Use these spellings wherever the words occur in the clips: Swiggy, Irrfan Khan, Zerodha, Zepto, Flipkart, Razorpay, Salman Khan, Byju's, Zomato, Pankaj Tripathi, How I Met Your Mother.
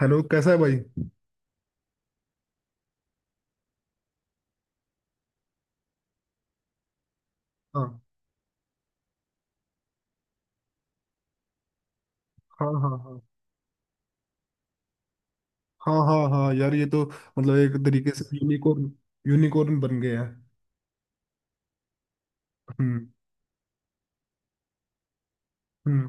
Hello, कैसा है भाई। हाँ, हाँ, हाँ, हाँ, हाँ, हाँ, हाँ यार, ये तो मतलब एक तरीके से यूनिकॉर्न, यूनिकॉर्न बन गया है। हम्म। हम्म।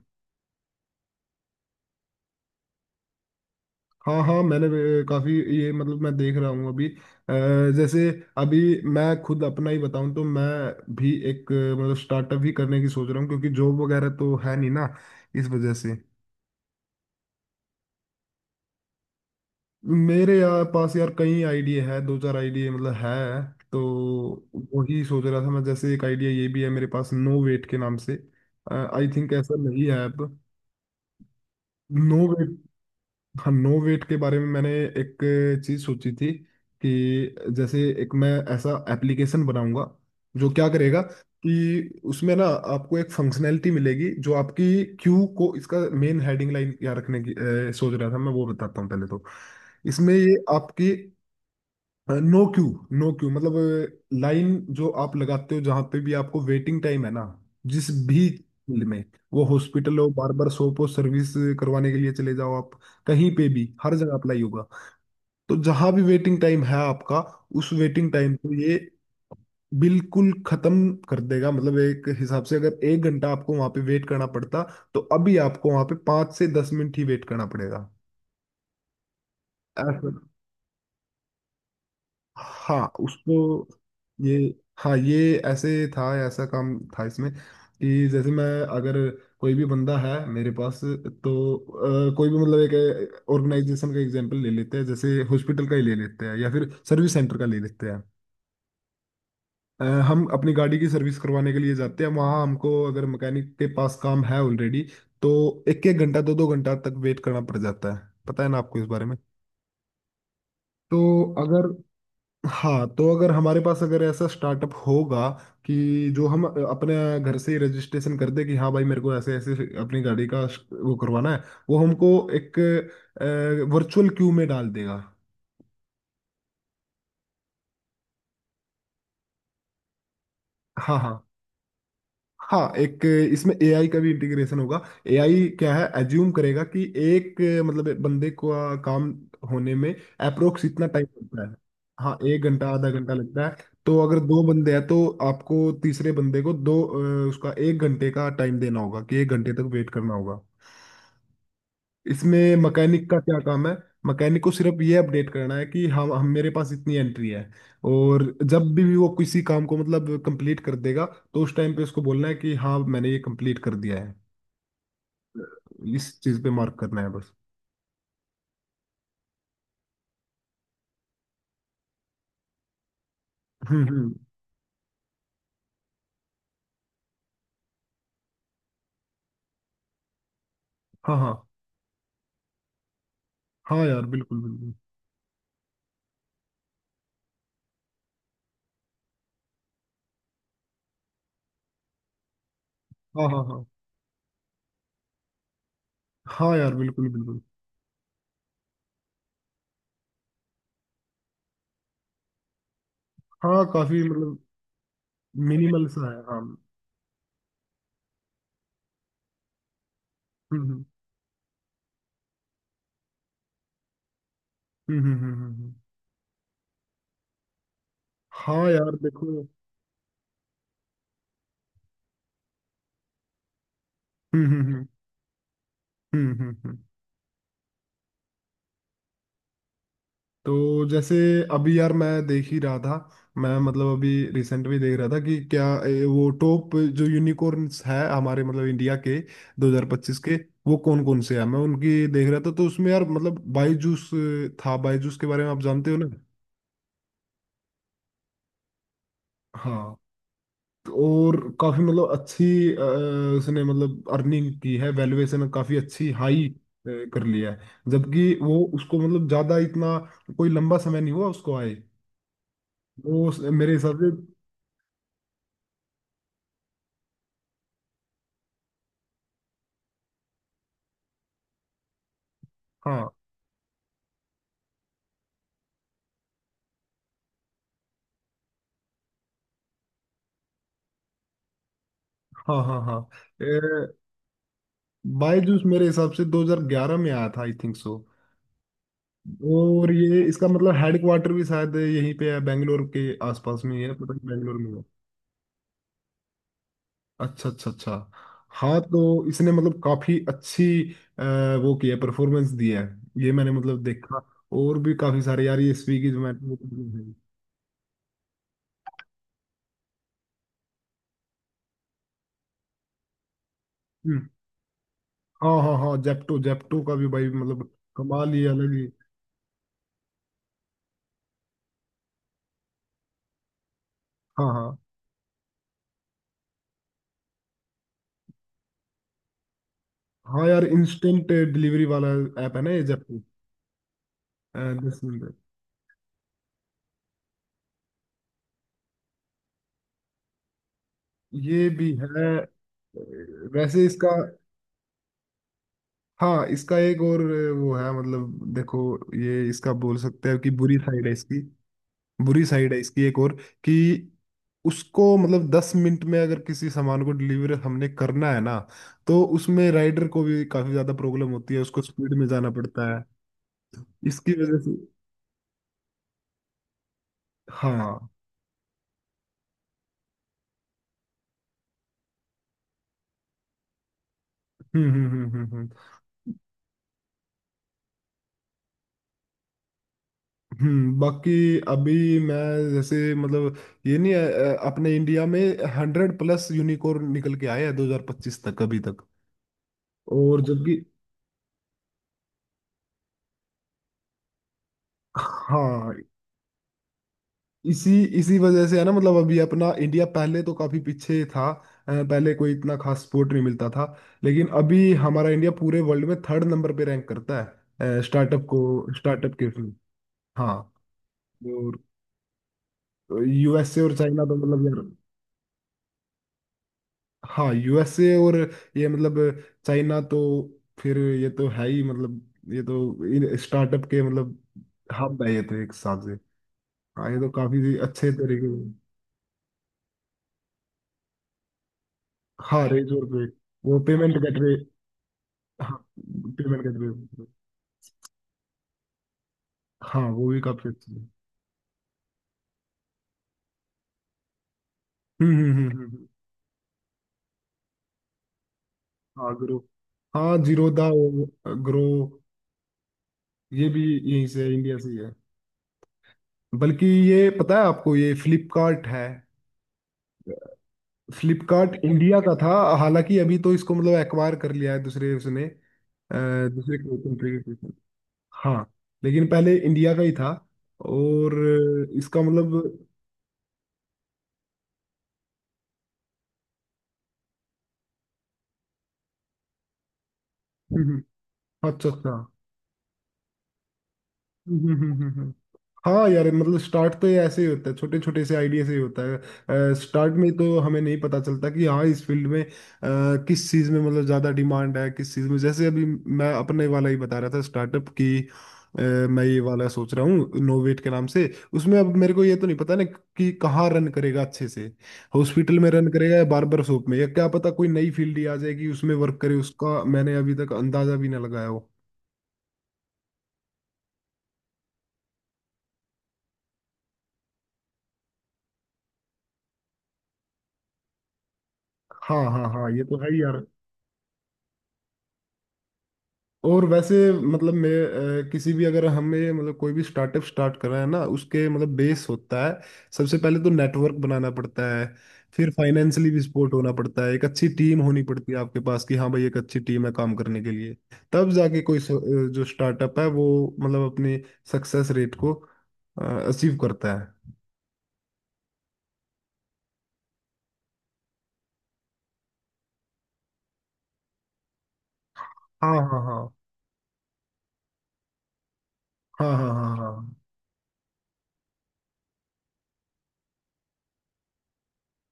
हाँ हाँ, मैंने भी, काफी ये मतलब मैं देख रहा हूँ अभी। अ, जैसे, अभी मैं खुद अपना ही बताऊँ तो मैं भी एक, मतलब स्टार्टअप ही करने की सोच रहा हूँ क्योंकि जॉब वगैरह तो है नहीं ना। इस वजह से मेरे यार पास यार कई आइडिया है, दो चार आइडिया मतलब है तो। वही सोच रहा था मैं, जैसे एक आइडिया ये भी है मेरे पास, नो वेट के नाम से। आई थिंक, ऐसा नहीं है अब। No wait. हाँ, नो वेट के बारे में मैंने एक चीज सोची थी कि जैसे एक मैं ऐसा एप्लीकेशन बनाऊंगा, जो क्या करेगा कि उसमें ना आपको एक फंक्शनैलिटी मिलेगी जो आपकी क्यू को, इसका मेन हेडिंग लाइन क्या रखने की सोच रहा था मैं, वो बताता हूँ पहले तो। इसमें ये आपकी नो क्यू, नो क्यू मतलब लाइन जो आप लगाते हो, जहां पे भी आपको वेटिंग टाइम है ना, जिस भी फील्ड में, वो हॉस्पिटल हो, बार्बर शॉप हो, सर्विस करवाने के लिए चले जाओ आप, कहीं पे भी, हर जगह अप्लाई होगा। तो जहां भी वेटिंग टाइम है आपका, उस वेटिंग टाइम को ये बिल्कुल खत्म कर देगा। मतलब एक हिसाब से अगर एक घंटा आपको वहां पे वेट करना पड़ता, तो अभी आपको वहां पे 5 से 10 मिनट ही वेट करना पड़ेगा ऐसा। हाँ, उसको ये, हाँ ये ऐसे था, ऐसा काम था इसमें कि जैसे मैं, अगर कोई भी बंदा है मेरे पास तो कोई भी, मतलब एक ऑर्गेनाइजेशन का एग्जांपल ले लेते हैं, जैसे हॉस्पिटल का ही ले लेते हैं या फिर सर्विस सेंटर का ले लेते हैं। हम अपनी गाड़ी की सर्विस करवाने के लिए जाते हैं, वहाँ हमको अगर मैकेनिक के पास काम है ऑलरेडी, तो एक एक घंटा, दो दो घंटा तक वेट करना पड़ जाता है। पता है ना आपको इस बारे में। तो अगर हाँ, तो अगर हमारे पास अगर ऐसा स्टार्टअप होगा कि जो हम अपने घर से ही रजिस्ट्रेशन कर दे कि हाँ भाई मेरे को ऐसे ऐसे अपनी गाड़ी का वो करवाना है, वो हमको एक वर्चुअल क्यू में डाल देगा। हाँ, हाँ, हाँ। एक इसमें एआई का भी इंटीग्रेशन होगा। एआई क्या है, एज्यूम करेगा कि एक मतलब एक बंदे को काम होने में अप्रोक्स इतना टाइम लगता है। हाँ, एक घंटा आधा घंटा लगता है। तो अगर दो बंदे हैं तो आपको तीसरे बंदे को दो, उसका एक घंटे का टाइम देना होगा कि एक घंटे तक वेट करना होगा। इसमें मैकेनिक का क्या काम है? मैकेनिक को सिर्फ ये अपडेट करना है कि हम मेरे पास इतनी एंट्री है, और जब भी वो किसी काम को मतलब कंप्लीट कर देगा, तो उस टाइम पे उसको बोलना है कि हाँ मैंने ये कंप्लीट कर दिया है, इस चीज़ पे मार्क करना है बस। हम्म। हम्म। हाँ, हाँ, हाँ यार, बिल्कुल बिल्कुल। हाँ, हाँ, हाँ, हाँ यार, बिल्कुल बिल्कुल। हाँ, काफी मतलब मिनिमल सा है हाँ। हम्म, हम्म, हम्म, हम्म, हाँ यार देखो। हम्म, हम्म, हम्म, हम्म, हम्म, तो जैसे, अभी यार मैं देख ही रहा था, मैं मतलब अभी रिसेंट में देख रहा था कि क्या वो टॉप जो यूनिकॉर्न्स है हमारे मतलब इंडिया के 2025 के, वो कौन कौन से हैं, मैं उनकी देख रहा था, तो उसमें यार मतलब बायजूस था। बायजूस के बारे में आप जानते हो ना। हाँ। तो और काफी मतलब अच्छी अ, उसने मतलब अर्निंग की है, वैल्यूएशन काफी अच्छी हाई कर लिया है, जबकि वो उसको मतलब ज्यादा इतना कोई लंबा समय नहीं हुआ उसको आए। वो मेरे हिसाब से। हाँ, हाँ, हाँ, हाँ। बायजूस मेरे हिसाब से 2011 में आया था, आई थिंक सो। और ये इसका मतलब हेड क्वार्टर भी शायद यहीं पे है, बेंगलोर के आसपास में ही है, पता नहीं, बेंगलोर में है। अच्छा, अच्छा, अच्छा। हाँ तो इसने मतलब काफी अच्छी अ, वो किया, परफॉर्मेंस दिया है ये मैंने मतलब देखा। और भी काफी सारे यार, ये स्विगी, जोमेटो। हम्म। हाँ, हाँ, हाँ, जेप्टो, जेप्टो का भी भाई मतलब कमाल ही, अलग ही। हाँ, हाँ, हाँ यार, इंस्टेंट डिलीवरी वाला ऐप है ना ये जेप्टो। दस नंबर। ये भी है। अ, वैसे इसका, हाँ इसका एक और वो है, मतलब देखो, ये इसका बोल सकते हैं कि बुरी साइड है इसकी, बुरी साइड है इसकी एक और, कि उसको मतलब 10 मिनट में अगर किसी सामान को डिलीवर हमने करना है ना, तो उसमें राइडर को भी काफी ज्यादा प्रॉब्लम होती है, उसको स्पीड में जाना पड़ता है, इसकी वजह से। हाँ। हम्म, हम्म, हम्म, हम्म, हम्म, बाकी अभी मैं, जैसे मतलब ये नहीं है, अपने इंडिया में 100+ यूनिकॉर्न निकल के आए हैं 2025 तक अभी तक। और जबकि हाँ, इसी इसी वजह से है ना, मतलब अभी अपना इंडिया पहले तो काफी पीछे था, पहले कोई इतना खास सपोर्ट नहीं मिलता था, लेकिन अभी हमारा इंडिया पूरे वर्ल्ड में थर्ड नंबर पे रैंक करता है, स्टार्टअप को, स्टार्टअप के फील्ड। हाँ। और यूएसए और चाइना तो मतलब यार। हाँ, यूएसए और, ये मतलब चाइना तो फिर, ये तो है ही मतलब, ये तो इन स्टार्टअप के मतलब हब है, ये तो एक हिसाब से। हाँ, ये तो काफी अच्छे तरीके से-। हाँ, रेज और पे, वो पेमेंट गेटवे। हाँ, पेमेंट गेटवे। हाँ, वो भी काफी अच्छी है। हम्म, हम्म, हम्म, हाँ ग्रो। हाँ जीरोधा, ग्रो, ये भी यहीं से, इंडिया से ही है। बल्कि ये पता है आपको ये फ्लिपकार्ट है, फ्लिपकार्ट इंडिया का था। हालांकि अभी तो इसको मतलब एक्वायर कर लिया है दूसरे उसने, दूसरे कंट्री के। हाँ, लेकिन पहले इंडिया का ही था, और इसका मतलब। हम्म, हम्म, अच्छा, अच्छा। हम्म, हाँ यार, मतलब स्टार्ट तो ये ऐसे ही होता है, छोटे छोटे से आइडिया से ही होता है। स्टार्ट में तो हमें नहीं पता चलता कि हाँ इस फील्ड में किस चीज़ में मतलब ज़्यादा डिमांड है, किस चीज़ में, जैसे अभी मैं अपने वाला ही बता रहा था स्टार्टअप की। अ, मैं ये वाला सोच रहा हूँ नोवेट के नाम से। उसमें अब मेरे को ये तो नहीं पता ना कि कहाँ रन करेगा अच्छे से, हॉस्पिटल में रन करेगा या बार्बर शॉप में, या क्या पता कोई नई फील्ड ही आ जाएगी उसमें वर्क करे, उसका मैंने अभी तक अंदाजा भी ना लगाया हो। हाँ, हाँ, हाँ, ये तो है ही यार। और वैसे मतलब मैं, किसी भी अगर हमें मतलब कोई भी स्टार्टअप स्टार्ट कर रहे हैं ना, उसके मतलब बेस होता है। सबसे पहले तो नेटवर्क बनाना पड़ता है, फिर फाइनेंशियली भी सपोर्ट होना पड़ता है, एक अच्छी टीम होनी पड़ती है आपके पास कि हाँ भाई, एक अच्छी टीम है काम करने के लिए, तब जाके कोई जो स्टार्टअप है वो मतलब अपनी सक्सेस रेट को अचीव करता है। हाँ, हाँ, हाँ, हाँ, हाँ, हाँ, हाँ।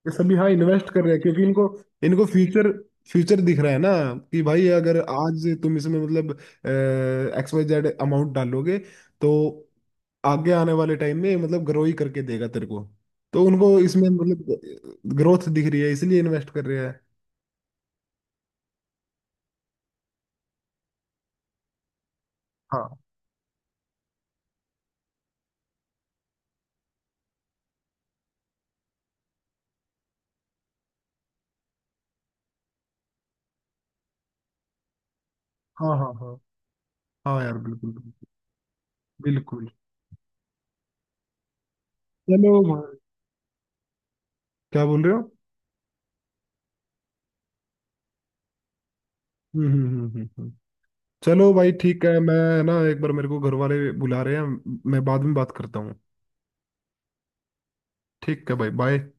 ये सभी हाँ इन्वेस्ट कर रहे हैं क्योंकि इनको इनको फ्यूचर, फ्यूचर दिख रहा है ना, कि भाई अगर आज तुम इसमें मतलब एक्स वाई जेड अमाउंट डालोगे, तो आगे आने वाले टाइम में मतलब ग्रो ही करके देगा तेरे को, तो उनको इसमें मतलब ग्रोथ दिख रही है, इसलिए इन्वेस्ट कर रहे हैं। हाँ, हाँ, हाँ, हाँ, हाँ यार, बिल्कुल बिल्कुल। बिल्कुल। चलो भाई, क्या बोल रहे हो। हम्म, हम्म, हम्म, हम्म, चलो भाई, ठीक है, मैं ना एक बार, मेरे को घर वाले बुला रहे हैं, मैं बाद में बात करता हूँ। ठीक है भाई, बाय।